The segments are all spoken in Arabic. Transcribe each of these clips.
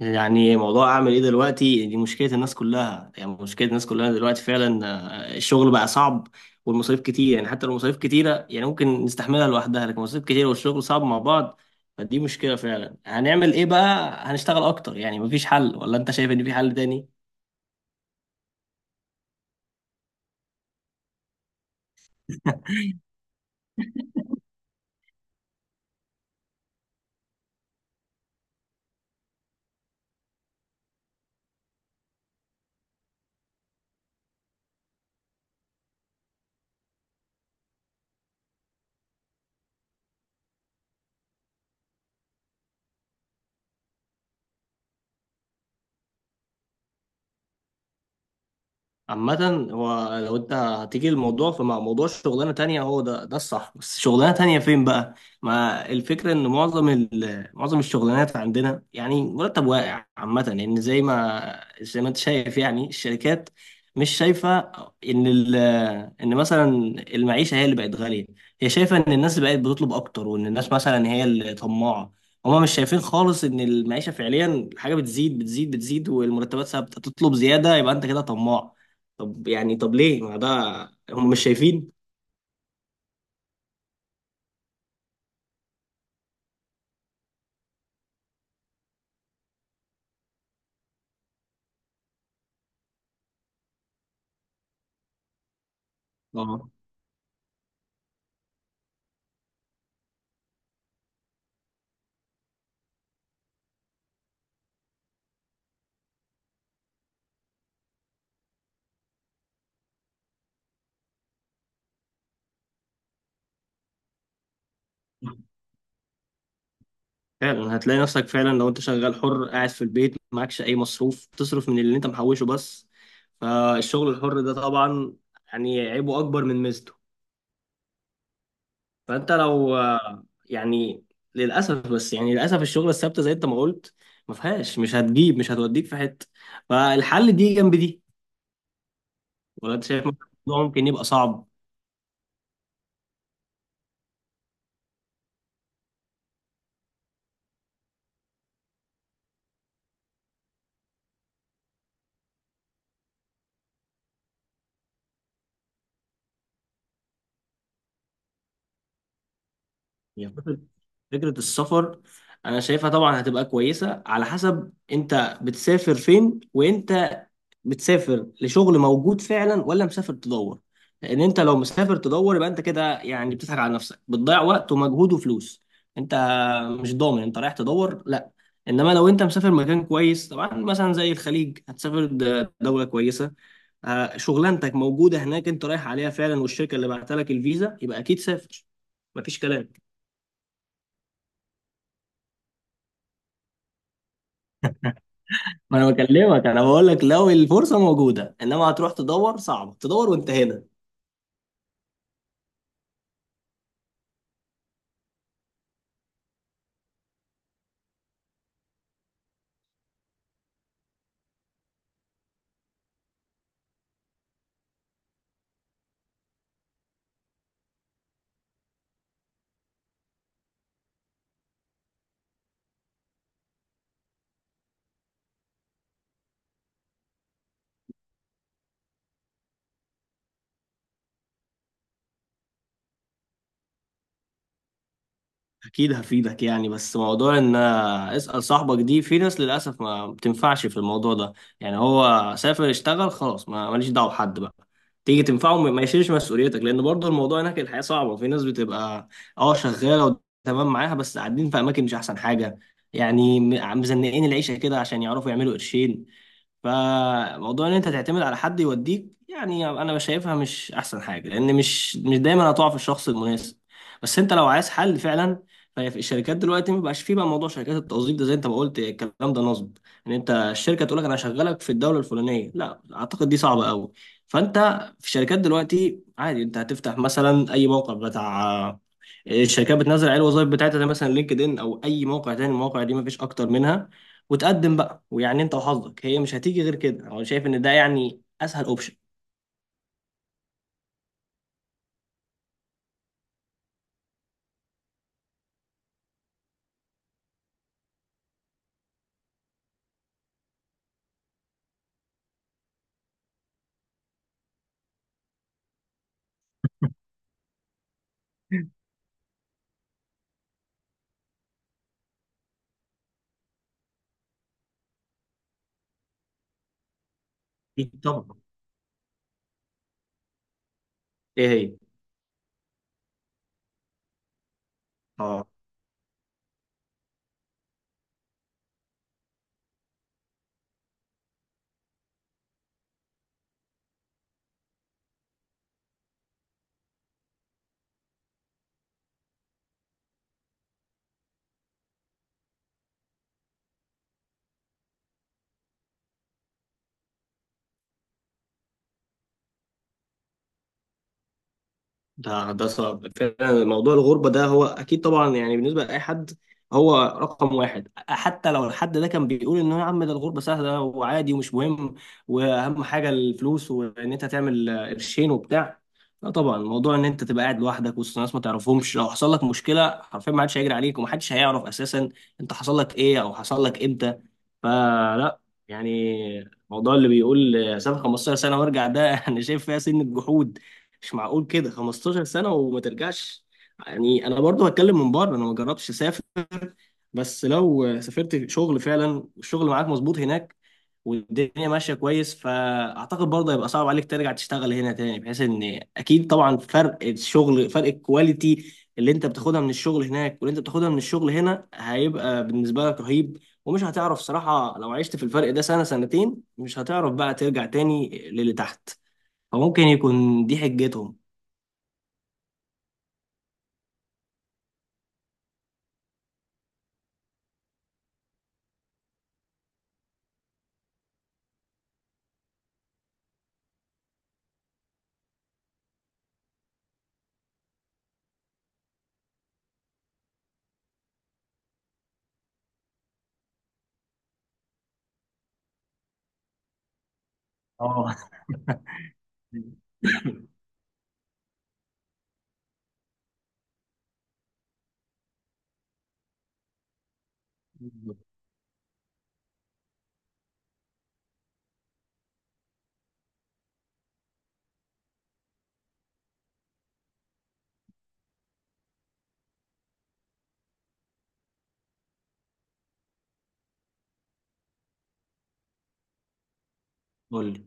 يعني موضوع اعمل ايه دلوقتي دي مشكله الناس كلها دلوقتي فعلا. آه، الشغل بقى صعب والمصاريف كتير. يعني حتى لو مصاريف كتيره يعني ممكن نستحملها لوحدها، لكن مصاريف كتير والشغل صعب مع بعض. فدي مشكله فعلا. هنعمل ايه بقى؟ هنشتغل اكتر؟ يعني مفيش حل، ولا انت شايف ان في حل تاني؟ عامة هو لو انت هتيجي الموضوع فمع موضوع شغلانة تانية، هو ده الصح، بس شغلانة تانية فين بقى؟ ما الفكرة ان معظم معظم الشغلانات عندنا يعني مرتب واقع عامة، لان زي ما انت شايف يعني الشركات مش شايفة ان ال ان مثلا المعيشة هي اللي بقت غالية. هي شايفة ان الناس بقت بتطلب اكتر، وان الناس مثلا هي اللي طماعة. هما مش شايفين خالص ان المعيشة فعليا الحاجة بتزيد بتزيد بتزيد والمرتبات ثابتة. تطلب زيادة يبقى انت كده طماع. طب يعني طب ليه ما ده، هم مش شايفين. اه، فعلا هتلاقي نفسك فعلا لو انت شغال حر قاعد في البيت معكش اي مصروف، تصرف من اللي انت محوشه بس. فالشغل الحر ده طبعا يعني عيبه اكبر من ميزته. فانت لو يعني للاسف، بس يعني للاسف الشغل الثابته زي انت ما قلت ما فيهاش، مش هتجيب، مش هتوديك في حته. فالحل دي جنب دي، ولا انت شايف الموضوع ممكن يبقى صعب؟ هي فكرة، فكرة السفر أنا شايفها طبعا هتبقى كويسة على حسب أنت بتسافر فين، وأنت بتسافر لشغل موجود فعلا ولا مسافر تدور. لأن أنت لو مسافر تدور يبقى أنت كده يعني بتضحك على نفسك، بتضيع وقت ومجهود وفلوس. أنت مش ضامن أنت رايح تدور، لا. إنما لو أنت مسافر مكان كويس طبعا مثلا زي الخليج، هتسافر دولة كويسة، آه، شغلانتك موجودة هناك أنت رايح عليها فعلا والشركة اللي بعت لك الفيزا، يبقى أكيد سافر، مفيش كلام. ما انا بكلمك، انا بقول لك لو الفرصه موجوده، انما هتروح تدور صعبه، تدور وانت هنا. اكيد هفيدك يعني، بس موضوع ان اسال صاحبك دي، في ناس للاسف ما بتنفعش في الموضوع ده. يعني هو سافر اشتغل خلاص، ما ماليش دعوه بحد بقى تيجي تنفعه. ما يشيلش مسؤوليتك، لان برضه الموضوع هناك الحياه صعبه. في ناس بتبقى اه شغاله وتمام معاها، بس قاعدين في اماكن مش احسن حاجه، يعني مزنقين العيشه كده عشان يعرفوا يعملوا قرشين. فموضوع ان انت تعتمد على حد يوديك يعني انا شايفها مش احسن حاجه، لان مش دايما هتقع في الشخص المناسب. بس انت لو عايز حل فعلا، فهي في الشركات دلوقتي ما بقاش فيه بقى موضوع شركات التوظيف ده، زي انت ما قلت الكلام ده نصب. ان انت الشركه تقول لك انا هشغلك في الدوله الفلانيه، لا اعتقد دي صعبه قوي. فانت في الشركات دلوقتي عادي، انت هتفتح مثلا اي موقع بتاع الشركات بتنزل عليه الوظائف بتاعتها، زي مثلا لينكد ان او اي موقع تاني، المواقع دي مفيش اكتر منها، وتقدم بقى ويعني انت وحظك. هي مش هتيجي غير كده، انا شايف ان ده يعني اسهل اوبشن. أكيد طبعا. ايه هي؟ اه. ده ده صعب فعلا موضوع الغربة ده، هو أكيد طبعا يعني بالنسبة لأي حد هو رقم واحد. حتى لو الحد ده كان بيقول إن هو يا عم ده الغربة سهلة وعادي ومش مهم، وأهم حاجة الفلوس وإن أنت تعمل قرشين وبتاع، لا طبعا، موضوع إن أنت تبقى قاعد لوحدك وسط ناس ما تعرفهمش، لو حصل لك مشكلة حرفيا ما حدش هيجري عليك، ومحدش هيعرف أساسا أنت حصل لك إيه أو حصل لك إمتى. فلا، يعني الموضوع اللي بيقول سافر 15 سنة وارجع ده أنا شايف فيها سن الجحود. مش معقول كده 15 سنة وما ترجعش. يعني انا برضو هتكلم من بره، انا ما جربتش اسافر، بس لو سافرت شغل فعلا والشغل معاك مظبوط هناك والدنيا ماشية كويس، فاعتقد برضه هيبقى صعب عليك ترجع تشتغل هنا تاني، بحيث ان اكيد طبعا فرق الشغل فرق الكواليتي اللي انت بتاخدها من الشغل هناك واللي انت بتاخدها من الشغل هنا هيبقى بالنسبة لك رهيب. ومش هتعرف صراحة لو عشت في الفرق ده سنة سنتين، مش هتعرف بقى ترجع تاني للي تحت. فممكن يكون دي حجتهم. اه. قول لي.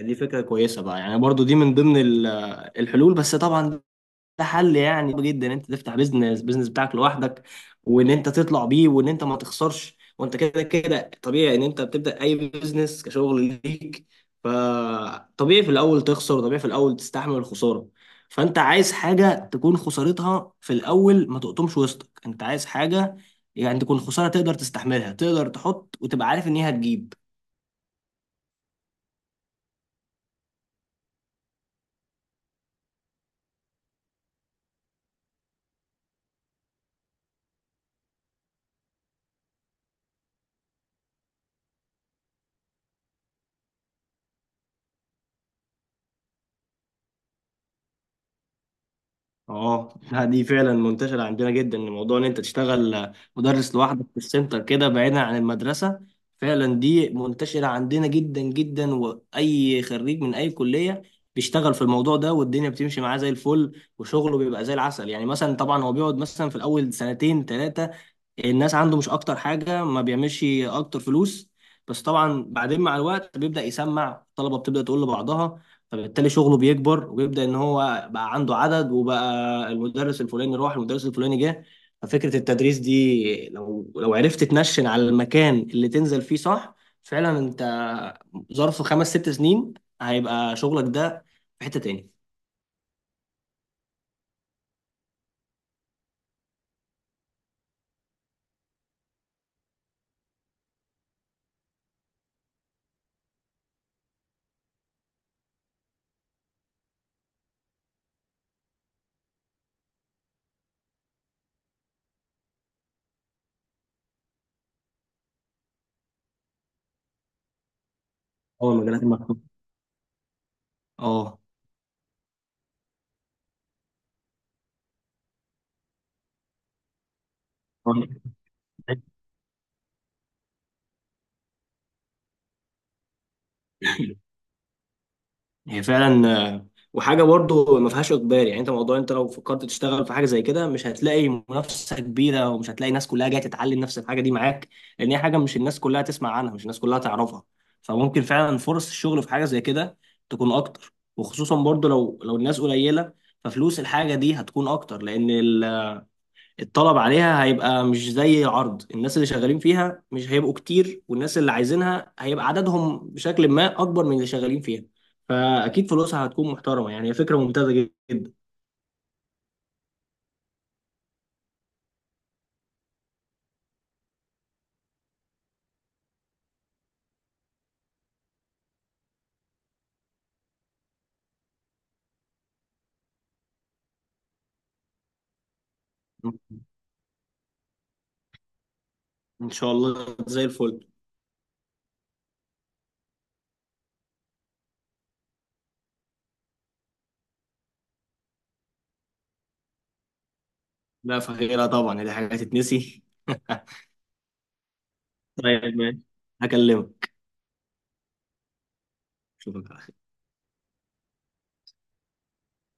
دي فكرة كويسة بقى، يعني برضو دي من ضمن الحلول، بس طبعا ده حل يعني صعب جدا ان انت تفتح بيزنس، بيزنس بتاعك لوحدك، وان انت تطلع بيه وان انت ما تخسرش. وانت كده كده طبيعي ان انت بتبدأ اي بيزنس كشغل ليك، فطبيعي في الاول تخسر، طبيعي في الاول تستحمل الخسارة. فانت عايز حاجة تكون خسارتها في الاول ما تقطمش وسطك، انت عايز حاجة يعني تكون خسارة تقدر تستحملها، تقدر تحط وتبقى عارف ان هي هتجيب. اه لا، دي فعلا منتشرة عندنا جدا، إن موضوع ان انت تشتغل مدرس لوحدك في السنتر كده بعيدا عن المدرسة، فعلا دي منتشرة عندنا جدا جدا. واي خريج من اي كلية بيشتغل في الموضوع ده، والدنيا بتمشي معاه زي الفل وشغله بيبقى زي العسل. يعني مثلا طبعا هو بيقعد مثلا في الاول 2 3 الناس عنده، مش اكتر حاجه، ما بيعملش اكتر فلوس. بس طبعا بعدين مع الوقت بيبدا يسمع، الطلبه بتبدا تقول لبعضها، فبالتالي شغله بيكبر وبيبدا ان هو بقى عنده عدد، وبقى المدرس الفلاني راح المدرس الفلاني جه. ففكره التدريس دي، لو عرفت تنشن على المكان اللي تنزل فيه صح، فعلا انت ظرف 5 6 سنين هيبقى شغلك ده في حته تاني. اه، المجالات المفتوحه. اه. هي فعلا، وحاجه برضه ما فيهاش اجبار. يعني انت موضوع انت لو فكرت تشتغل في حاجه زي كده، مش هتلاقي منافسه كبيره ومش هتلاقي ناس كلها جايه تتعلم نفس الحاجه دي معاك، لان هي حاجه مش الناس كلها تسمع عنها، مش الناس كلها تعرفها. فممكن فعلا فرص الشغل في حاجه زي كده تكون اكتر، وخصوصا برضه لو الناس قليله، ففلوس الحاجه دي هتكون اكتر. لان الطلب عليها هيبقى مش زي العرض، الناس اللي شغالين فيها مش هيبقوا كتير، والناس اللي عايزينها هيبقى عددهم بشكل ما أكبر من اللي شغالين فيها. فأكيد فلوسها هتكون محترمة، يعني هي فكرة ممتازة جدا. إن شاء الله، زي الفل. لا، فغيرها طبعا دي حاجة هتتنسي. طيب، ماشي، هكلمك. شوفك على